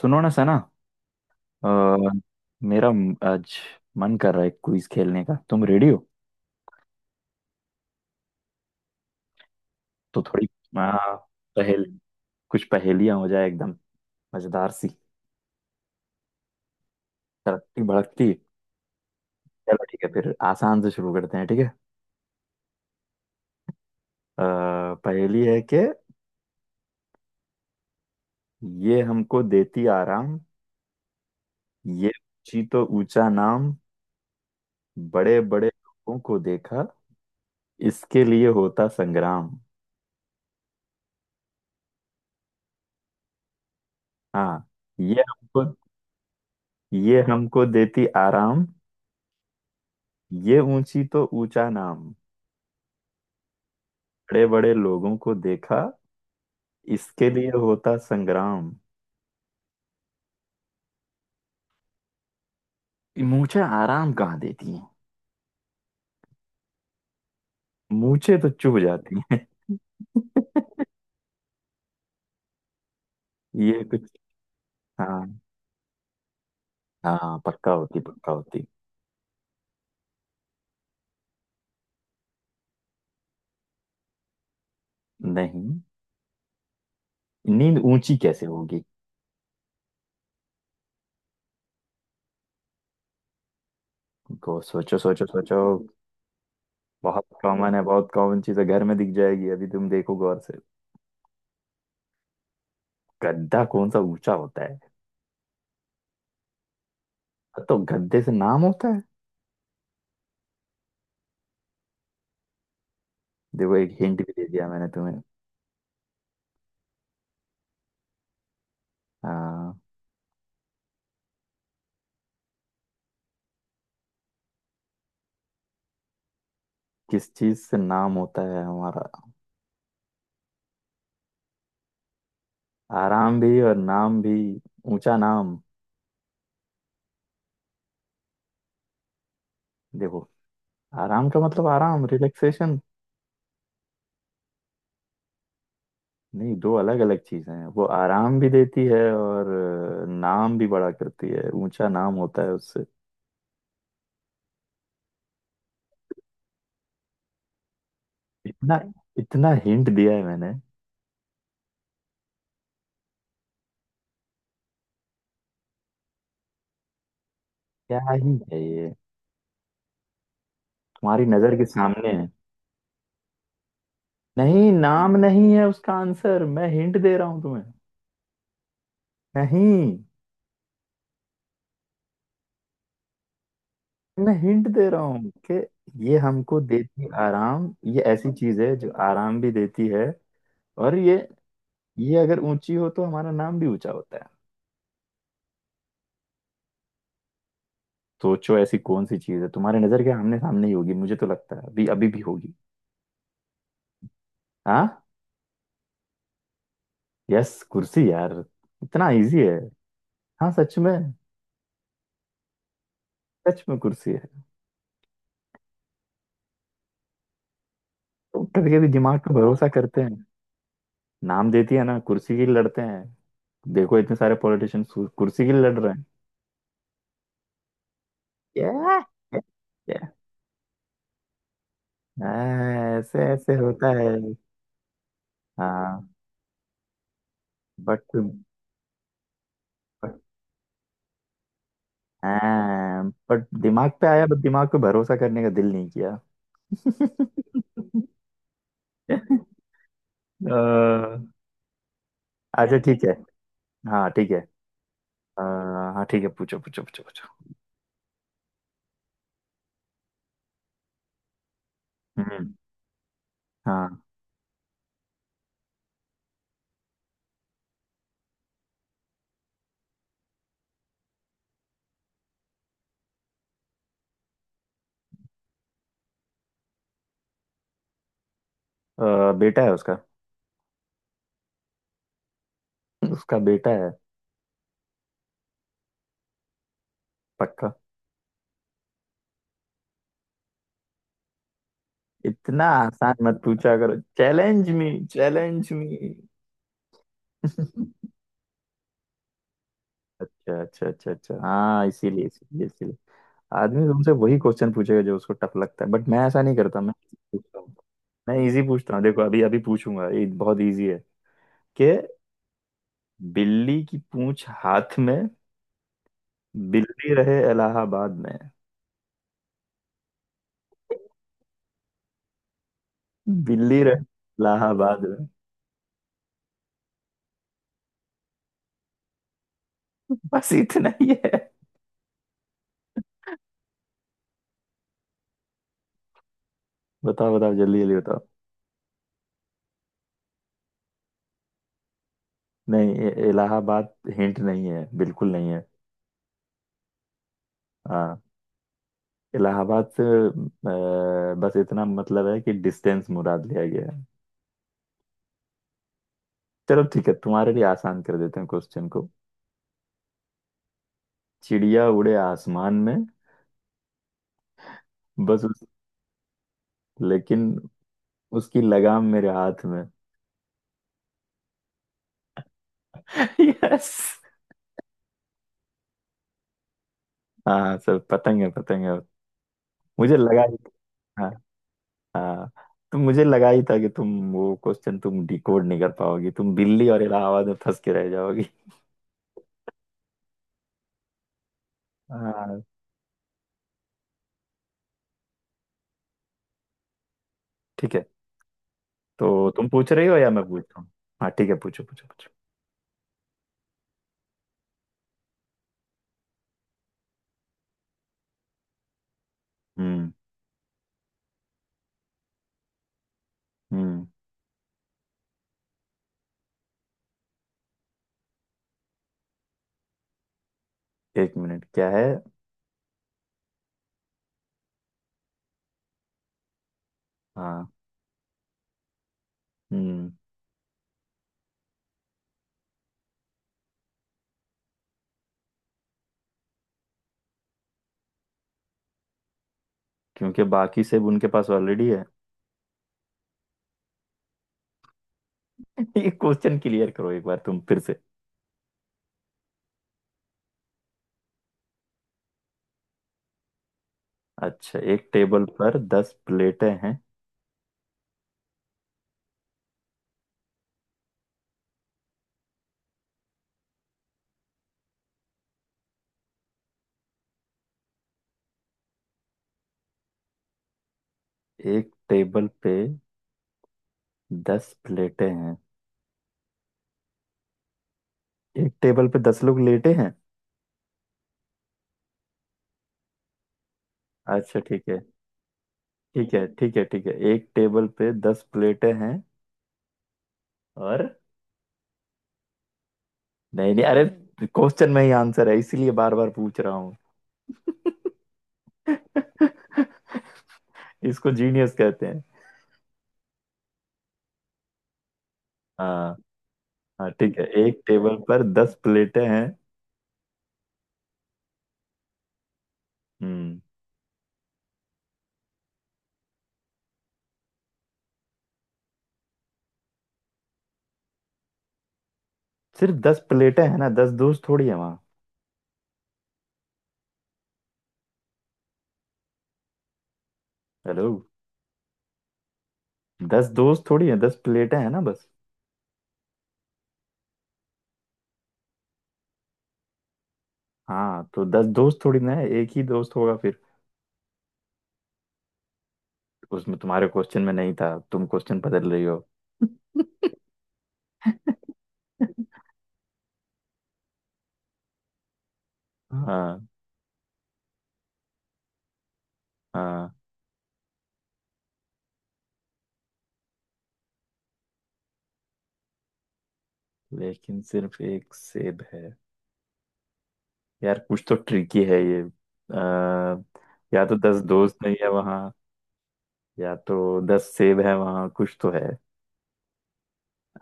सुनो ना सना। अ, आज मन कर रहा है क्विज खेलने का। तुम रेडी हो? तो थोड़ी आ, पहेल कुछ पहेलियां हो जाए, एकदम मजेदार सी, तड़कती भड़कती। चलो ठीक है, फिर आसान से शुरू करते हैं, ठीक है। पहेली है कि ये हमको देती आराम, ये ऊंची तो ऊंचा नाम, बड़े बड़े लोगों को देखा इसके लिए होता संग्राम। हाँ। ये हमको ये हमको देती आराम, ये ऊंची तो ऊंचा नाम, बड़े बड़े लोगों को देखा इसके लिए होता संग्राम। मूछे आराम कहाँ देती हैं? मूछे तो चुभ जाती हैं। ये कुछ। हाँ, हाँ पक्का, होती पक्का होती। नहीं, नींद ऊंची कैसे होगी? को सोचो सोचो सोचो। बहुत कॉमन है, बहुत कॉमन चीज है, घर में दिख जाएगी, अभी तुम देखो गौर से। गद्दा कौन सा ऊंचा होता है? तो गद्दे से नाम होता है? देखो एक हिंट भी दे दिया मैंने तुम्हें। हाँ। किस चीज से नाम होता है हमारा? आराम भी और नाम भी, ऊंचा नाम। देखो, आराम का मतलब आराम, रिलैक्सेशन। नहीं, दो अलग अलग चीजें हैं, वो आराम भी देती है और नाम भी बड़ा करती है, ऊंचा नाम होता है उससे। इतना इतना हिंट दिया है मैंने। क्या ही है ये, तुम्हारी नजर के सामने है। नहीं, नाम नहीं है उसका आंसर, मैं हिंट दे रहा हूं तुम्हें। नहीं, मैं हिंट दे रहा हूँ कि ये हमको देती आराम, ये ऐसी चीज है जो आराम भी देती है। और ये अगर ऊंची हो तो हमारा नाम भी ऊंचा होता है। सोचो ऐसी कौन सी चीज है, तुम्हारे नजर के आमने सामने ही होगी, मुझे तो लगता है अभी अभी भी होगी। हाँ। यस, कुर्सी यार, इतना इजी है। हाँ सच में। सच में कुर्सी है। तो कभी कभी दिमाग पे भरोसा करते हैं। नाम देती है ना, कुर्सी के लिए लड़ते हैं। देखो इतने सारे पॉलिटिशियन कुर्सी के लिए लड़ रहे हैं। Yeah! हाँ, ऐसे ऐसे होता है। हाँ बट। बट। हाँ बट दिमाग पे आया, बट दिमाग पे भरोसा करने का दिल नहीं किया। अ, अच्छा ठीक है। हाँ ठीक है। अ, हाँ ठीक है, पूछो पूछो पूछो पूछो। हम्म। हाँ। बेटा है उसका, उसका बेटा है। पक्का। इतना आसान मत पूछा करो, चैलेंज मी, चैलेंज मी। अच्छा अच्छा अच्छा अच्छा, हाँ इसीलिए, इसीलिए, इसीलिए। आदमी तुमसे वही क्वेश्चन पूछेगा जो उसको टफ लगता है, बट मैं ऐसा नहीं करता, मैं easy पूछता हूँ। मैं इजी पूछता हूँ, देखो अभी अभी पूछूंगा, ये बहुत इजी है कि बिल्ली की पूंछ हाथ में, बिल्ली रहे इलाहाबाद में। बिल्ली रहे इलाहाबाद में, बस इतना ही है। बताओ बताओ जल्दी जल्दी बताओ। नहीं, ये इलाहाबाद हिंट नहीं है, बिल्कुल नहीं है। हाँ। इलाहाबाद से बस इतना मतलब है कि डिस्टेंस मुराद लिया गया है। चलो ठीक है, तुम्हारे लिए आसान कर देते हैं क्वेश्चन को। चिड़िया उड़े आसमान में, बस उस, लेकिन उसकी लगाम मेरे हाथ में। यस। हाँ सर, पतंग है, पतंग है। मुझे लगा ही। हाँ। हाँ, तो मुझे लगा ही था कि तुम वो क्वेश्चन, तुम डिकोड नहीं कर पाओगी, तुम दिल्ली और इलाहाबाद में फंस के रह जाओगी। हाँ ठीक है। तो तुम पूछ रही हो या मैं पूछता हूँ? हाँ ठीक है, पूछो पूछो पूछो। हम्म। हम्म। एक मिनट, क्या है? हाँ। हम्म। क्योंकि बाकी सब उनके पास ऑलरेडी है। ये क्वेश्चन क्लियर करो एक बार तुम, फिर से। अच्छा, एक टेबल पर दस प्लेटें हैं। एक टेबल पे दस प्लेटें हैं। एक टेबल पे दस लोग लेटे हैं। अच्छा ठीक है। ठीक है ठीक है ठीक है, एक टेबल पे दस प्लेटें हैं। और? नहीं नहीं, अरे, क्वेश्चन में ही आंसर है, इसीलिए बार बार पूछ रहा हूँ। इसको जीनियस कहते हैं। हाँ। हाँ ठीक है, एक टेबल पर दस प्लेटें हैं। हम्म। सिर्फ दस प्लेटें हैं ना, दस दोस्त थोड़ी है वहाँ। हेलो। दस दोस्त थोड़ी है, दस प्लेटें हैं ना, बस। हाँ तो दस दोस्त थोड़ी ना है, एक ही दोस्त होगा फिर उसमें। तुम्हारे क्वेश्चन में नहीं था, तुम क्वेश्चन बदल रही हो। हाँ। हाँ, लेकिन सिर्फ एक सेब है। यार कुछ तो ट्रिकी है ये, या तो दस दोस्त नहीं है वहाँ, या तो दस सेब है वहाँ, कुछ तो है।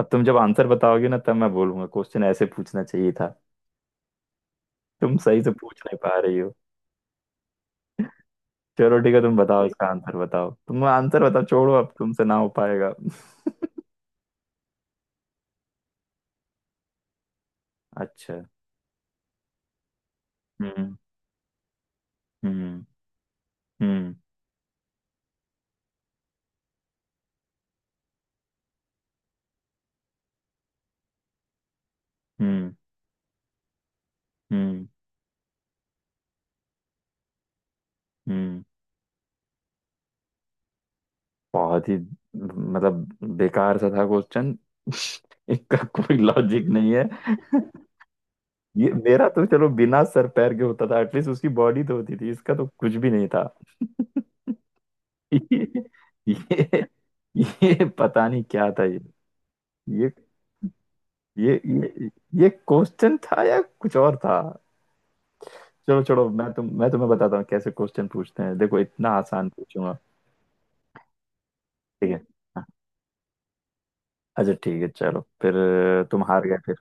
अब तुम जब आंसर बताओगे ना, तब मैं बोलूंगा क्वेश्चन ऐसे पूछना चाहिए था, तुम सही से पूछ नहीं पा रही हो। चलो ठीक है, तुम बताओ इसका आंसर, बताओ तुम आंसर बताओ, छोड़ो अब तुमसे ना हो पाएगा। अच्छा। हम्म। हम्म। हम्म। हम्म। हम्म। हम्म। बहुत ही, मतलब, बेकार सा था क्वेश्चन। इसका कोई लॉजिक नहीं है। ये मेरा तो चलो बिना सर पैर के होता था, एटलीस्ट उसकी बॉडी तो होती थी, इसका तो कुछ भी नहीं था। ये ये, ये पता नहीं क्या था ये। ये ये ये, ये क्वेश्चन था या कुछ और था? चलो चलो, मैं तुम्हें बताता हूँ कैसे क्वेश्चन पूछते हैं, देखो इतना आसान पूछूंगा। ठीक है। अच्छा ठीक है, चलो फिर तुम हार गए फिर।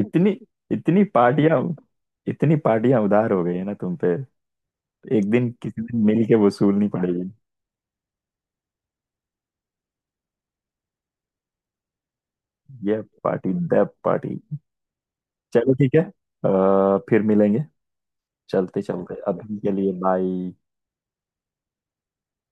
इतनी इतनी पार्टियां, उधार हो गई है ना तुम पे, एक दिन किसी दिन मिल के वसूलनी पड़ेगी। ये पार्टी दैट पार्टी। चलो ठीक है, फिर मिलेंगे। चलते चलते अभी के लिए, बाय।